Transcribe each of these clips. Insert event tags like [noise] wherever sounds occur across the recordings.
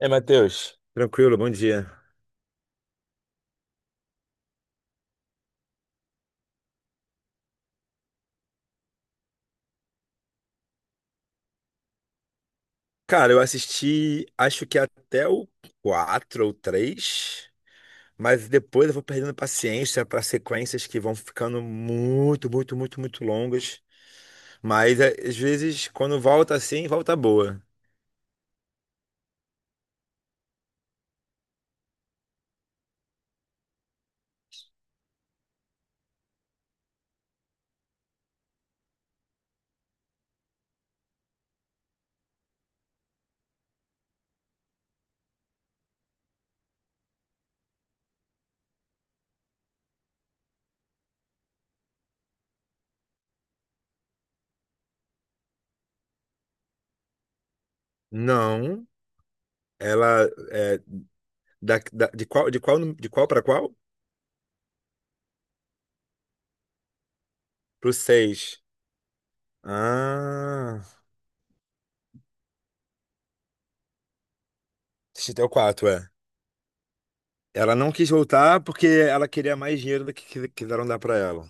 É, Matheus. Tranquilo, bom dia. Cara, eu assisti, acho que até o 4 ou 3. Mas depois eu vou perdendo paciência para sequências que vão ficando muito, muito, muito, muito longas. Mas é, às vezes, quando volta assim, volta boa. Não, ela é de qual, de qual para qual? Pro 6. Ah, assisti até o quatro, é. Ela não quis voltar porque ela queria mais dinheiro do que quiseram dar para ela.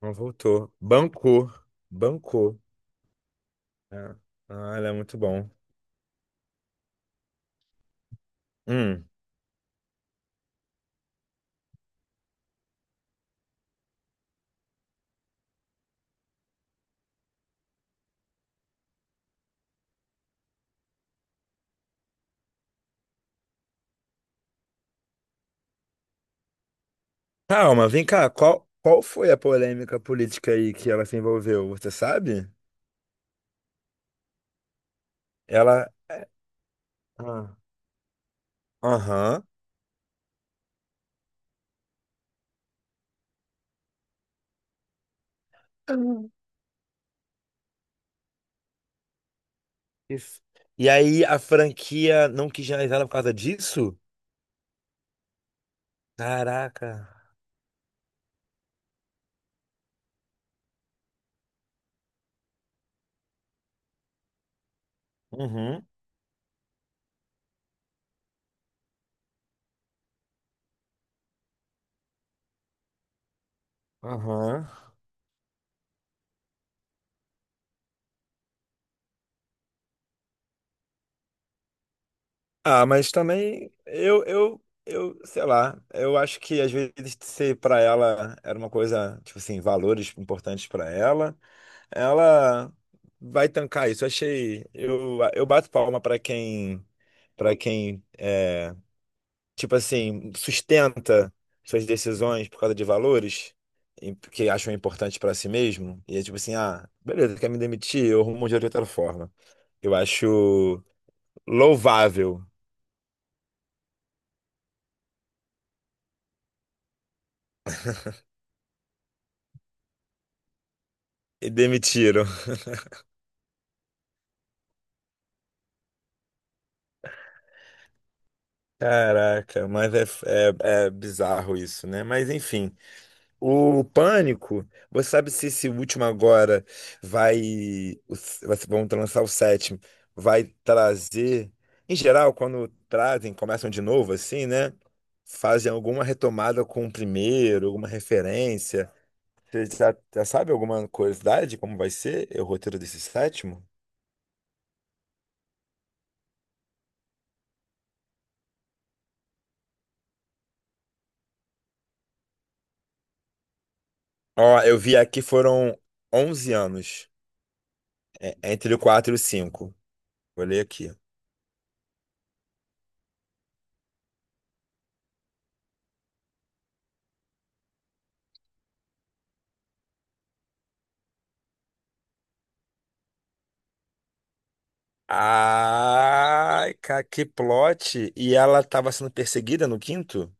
Não voltou. Bancou. Bancou. É. Ah, ela é muito bom. Hum. Calma, vem cá. Qual foi a polêmica política aí que ela se envolveu? Você sabe? Ela. Ah. Aham. Uhum. Isso. E aí a franquia não quis realizar ela por causa disso? Caraca. Uhum. Aham. Ah, mas também eu sei lá, eu acho que às vezes ser pra ela era uma coisa, tipo assim, valores importantes pra ela. Ela vai tancar isso. Achei. Eu bato palma para quem é, tipo assim, sustenta suas decisões por causa de valores e que acham importante para si mesmo. E é tipo assim, ah, beleza, quer me demitir? Eu arrumo um dinheiro de outra forma. Eu acho louvável. E demitiram. Caraca, mas é, é, é bizarro isso, né? Mas enfim. O Pânico, você sabe se esse último agora vai, vai vão lançar o sétimo, vai trazer, em geral, quando trazem, começam de novo, assim, né? Fazem alguma retomada com o primeiro, alguma referência. Você já sabe alguma curiosidade, como vai ser o roteiro desse sétimo? Ó, eu vi aqui foram 11 anos, entre o 4 e o cinco. Vou ler aqui. Ai, cara, que plot! E ela tava sendo perseguida no quinto?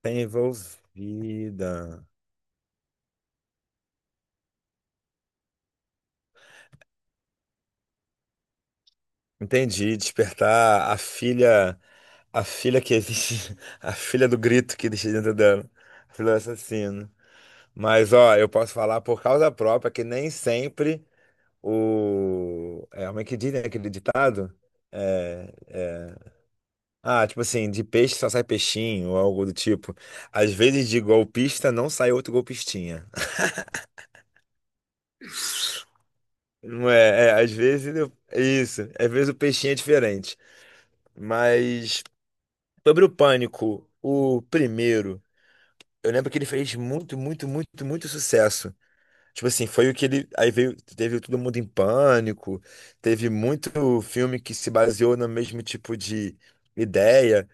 Tá envolvida. Entendi, despertar a filha que existe, [laughs] a filha do grito que existe dentro dela, a filha do assassino. Mas ó, eu posso falar por causa própria que nem sempre o. É, como é que diz, né, aquele ditado? É, é, ah, tipo assim, de peixe só sai peixinho, ou algo do tipo. Às vezes de golpista não sai outro golpistinha. Não é, é, às vezes é isso, às vezes o peixinho é diferente. Mas sobre o Pânico, o primeiro, eu lembro que ele fez muito, muito, muito, muito sucesso. Tipo assim, foi o que ele. Aí veio, teve o Todo Mundo em Pânico, teve muito filme que se baseou no mesmo tipo de ideia.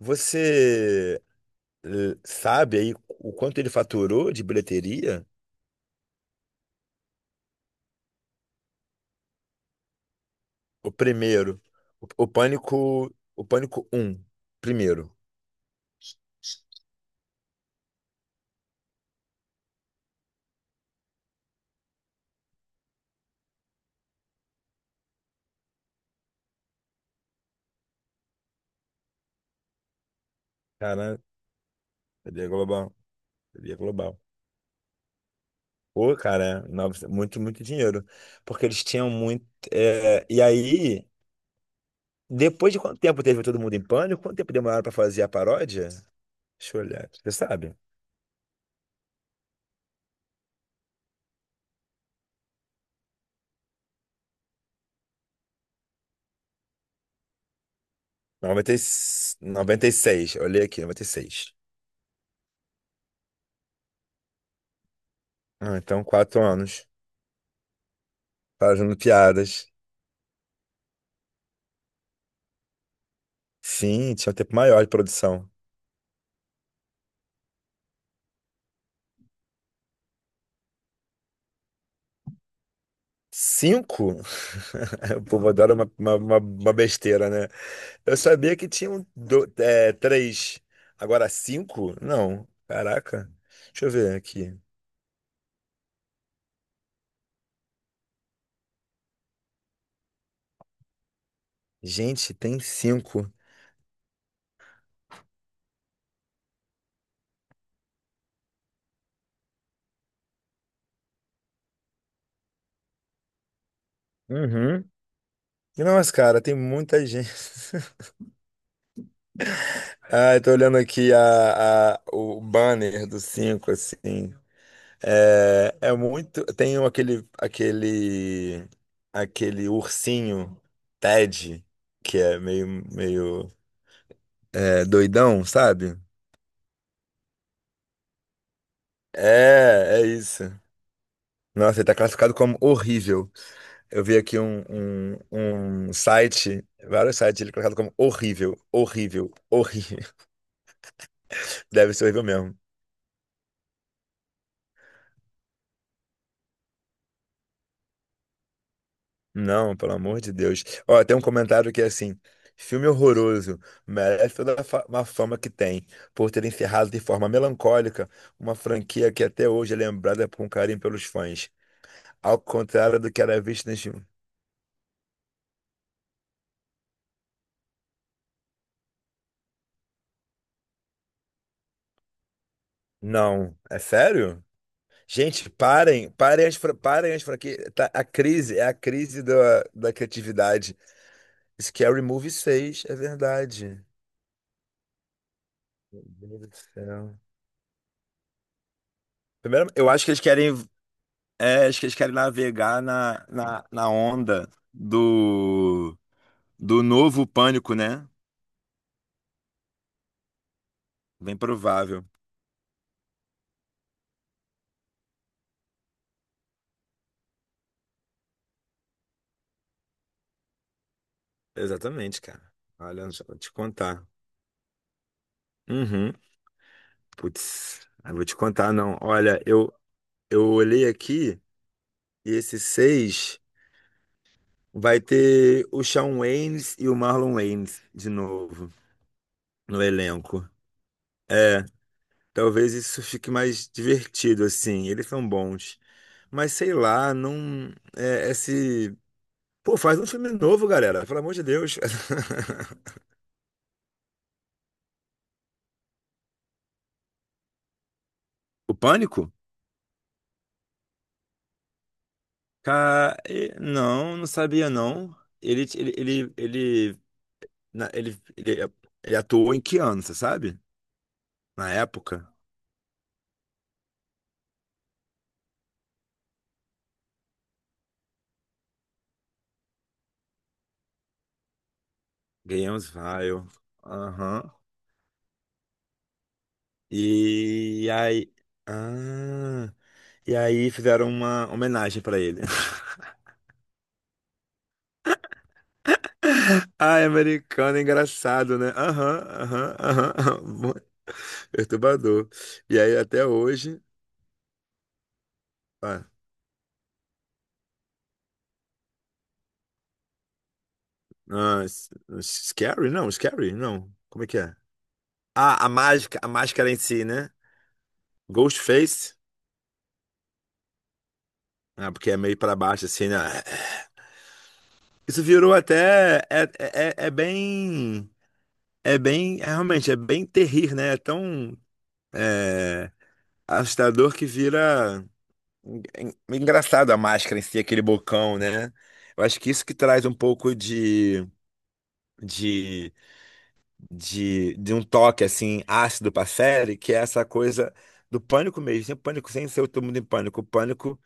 Você. Sabe aí o quanto ele faturou de bilheteria? O primeiro, o Pânico, o Pânico um primeiro. Cara, cadê global? Cadê global? Pô, cara, muito, muito dinheiro. Porque eles tinham muito. E aí, depois de quanto tempo teve Todo Mundo em Pânico? Quanto tempo demoraram pra fazer a paródia? Deixa eu olhar. Você sabe? Noventa e seis. Olhei aqui, 96. Ah, então, quatro anos. Fazendo piadas. Sim, tinha um tempo maior de produção. Cinco? [laughs] O povo adora uma besteira, né? Eu sabia que tinham do, é, três. Agora cinco? Não. Caraca. Deixa eu ver aqui. Gente, tem cinco. Uhum. Nossa, cara, tem muita gente. [laughs] Ah, eu tô olhando aqui o banner do cinco, assim. É, é muito. Aquele, aquele, aquele ursinho Ted, que é meio, meio. É, doidão, sabe? É, é isso. Nossa, ele tá classificado como horrível. Eu vi aqui um site, vários sites, ele é classificado como horrível, horrível, horrível. [laughs] Deve ser horrível mesmo. Não, pelo amor de Deus. Ó, tem um comentário que é assim: filme horroroso, merece toda uma fama que tem, por ter encerrado de forma melancólica uma franquia que até hoje é lembrada com carinho pelos fãs, ao contrário do que era visto nos filmes. Não, é sério? Gente, parem, parem as franquias. Tá, a crise, é a crise da, da criatividade. Scary Movie 6, é verdade. Meu Deus do céu. Primeiro, eu acho que eles querem, é, acho que eles querem navegar na, na, na onda do, do novo pânico, né? Bem provável. Exatamente, cara. Olha, só vou te contar. Uhum. Putz, eu vou te contar, não. Olha, eu olhei aqui e esse 6. Vai ter o Shawn Waynes e o Marlon Waynes de novo no elenco. É, talvez isso fique mais divertido, assim. Eles são bons. Mas sei lá, não. É, esse. Pô, faz um filme novo, galera. Pelo amor de Deus. [laughs] O Pânico? Não, não sabia, não. Ele, na- Ele atuou em que ano, você sabe? Na época? Ganhamos Vile. Aham. E aí. Ah. E aí fizeram uma homenagem pra ele. [laughs] Ai, americano, é engraçado, né? Aham, aham, aham, aham. [laughs] Perturbador. E aí até hoje. Ah, ah, s- scary? Não, scary? Não. Como é que é? Ah, a mágica, a máscara em si, né? Ghostface. Ah, porque é meio pra baixo, assim, né? Isso virou até. É, é, é é bem. É bem. É, realmente, é bem terrir, né? É tão assustador que vira en- engraçado a máscara em si, aquele bocão, né? Eu acho que isso que traz um pouco de, de um toque assim ácido pra série, que é essa coisa do pânico mesmo, sem pânico, sem ser todo mundo em pânico. O pânico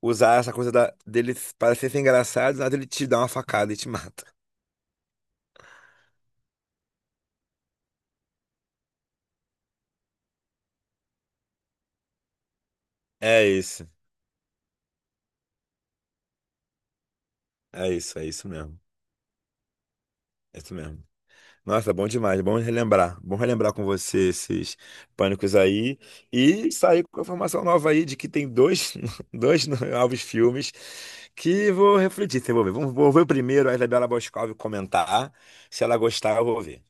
usar essa coisa da, dele parecer ser engraçado, nada ele te dá uma facada e te [laughs] mata. É isso, é isso, é isso mesmo. É isso mesmo. Nossa, bom demais, bom relembrar. Bom relembrar com você esses pânicos aí e sair com a informação nova aí de que tem dois, [laughs] dois novos filmes que vou refletir, se eu vou ver. Vou ver o primeiro, a Isabela Boscov comentar. Se ela gostar, eu vou ver.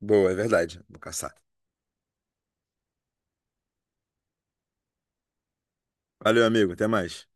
Boa, é verdade. Vou caçar. Valeu, amigo. Até mais.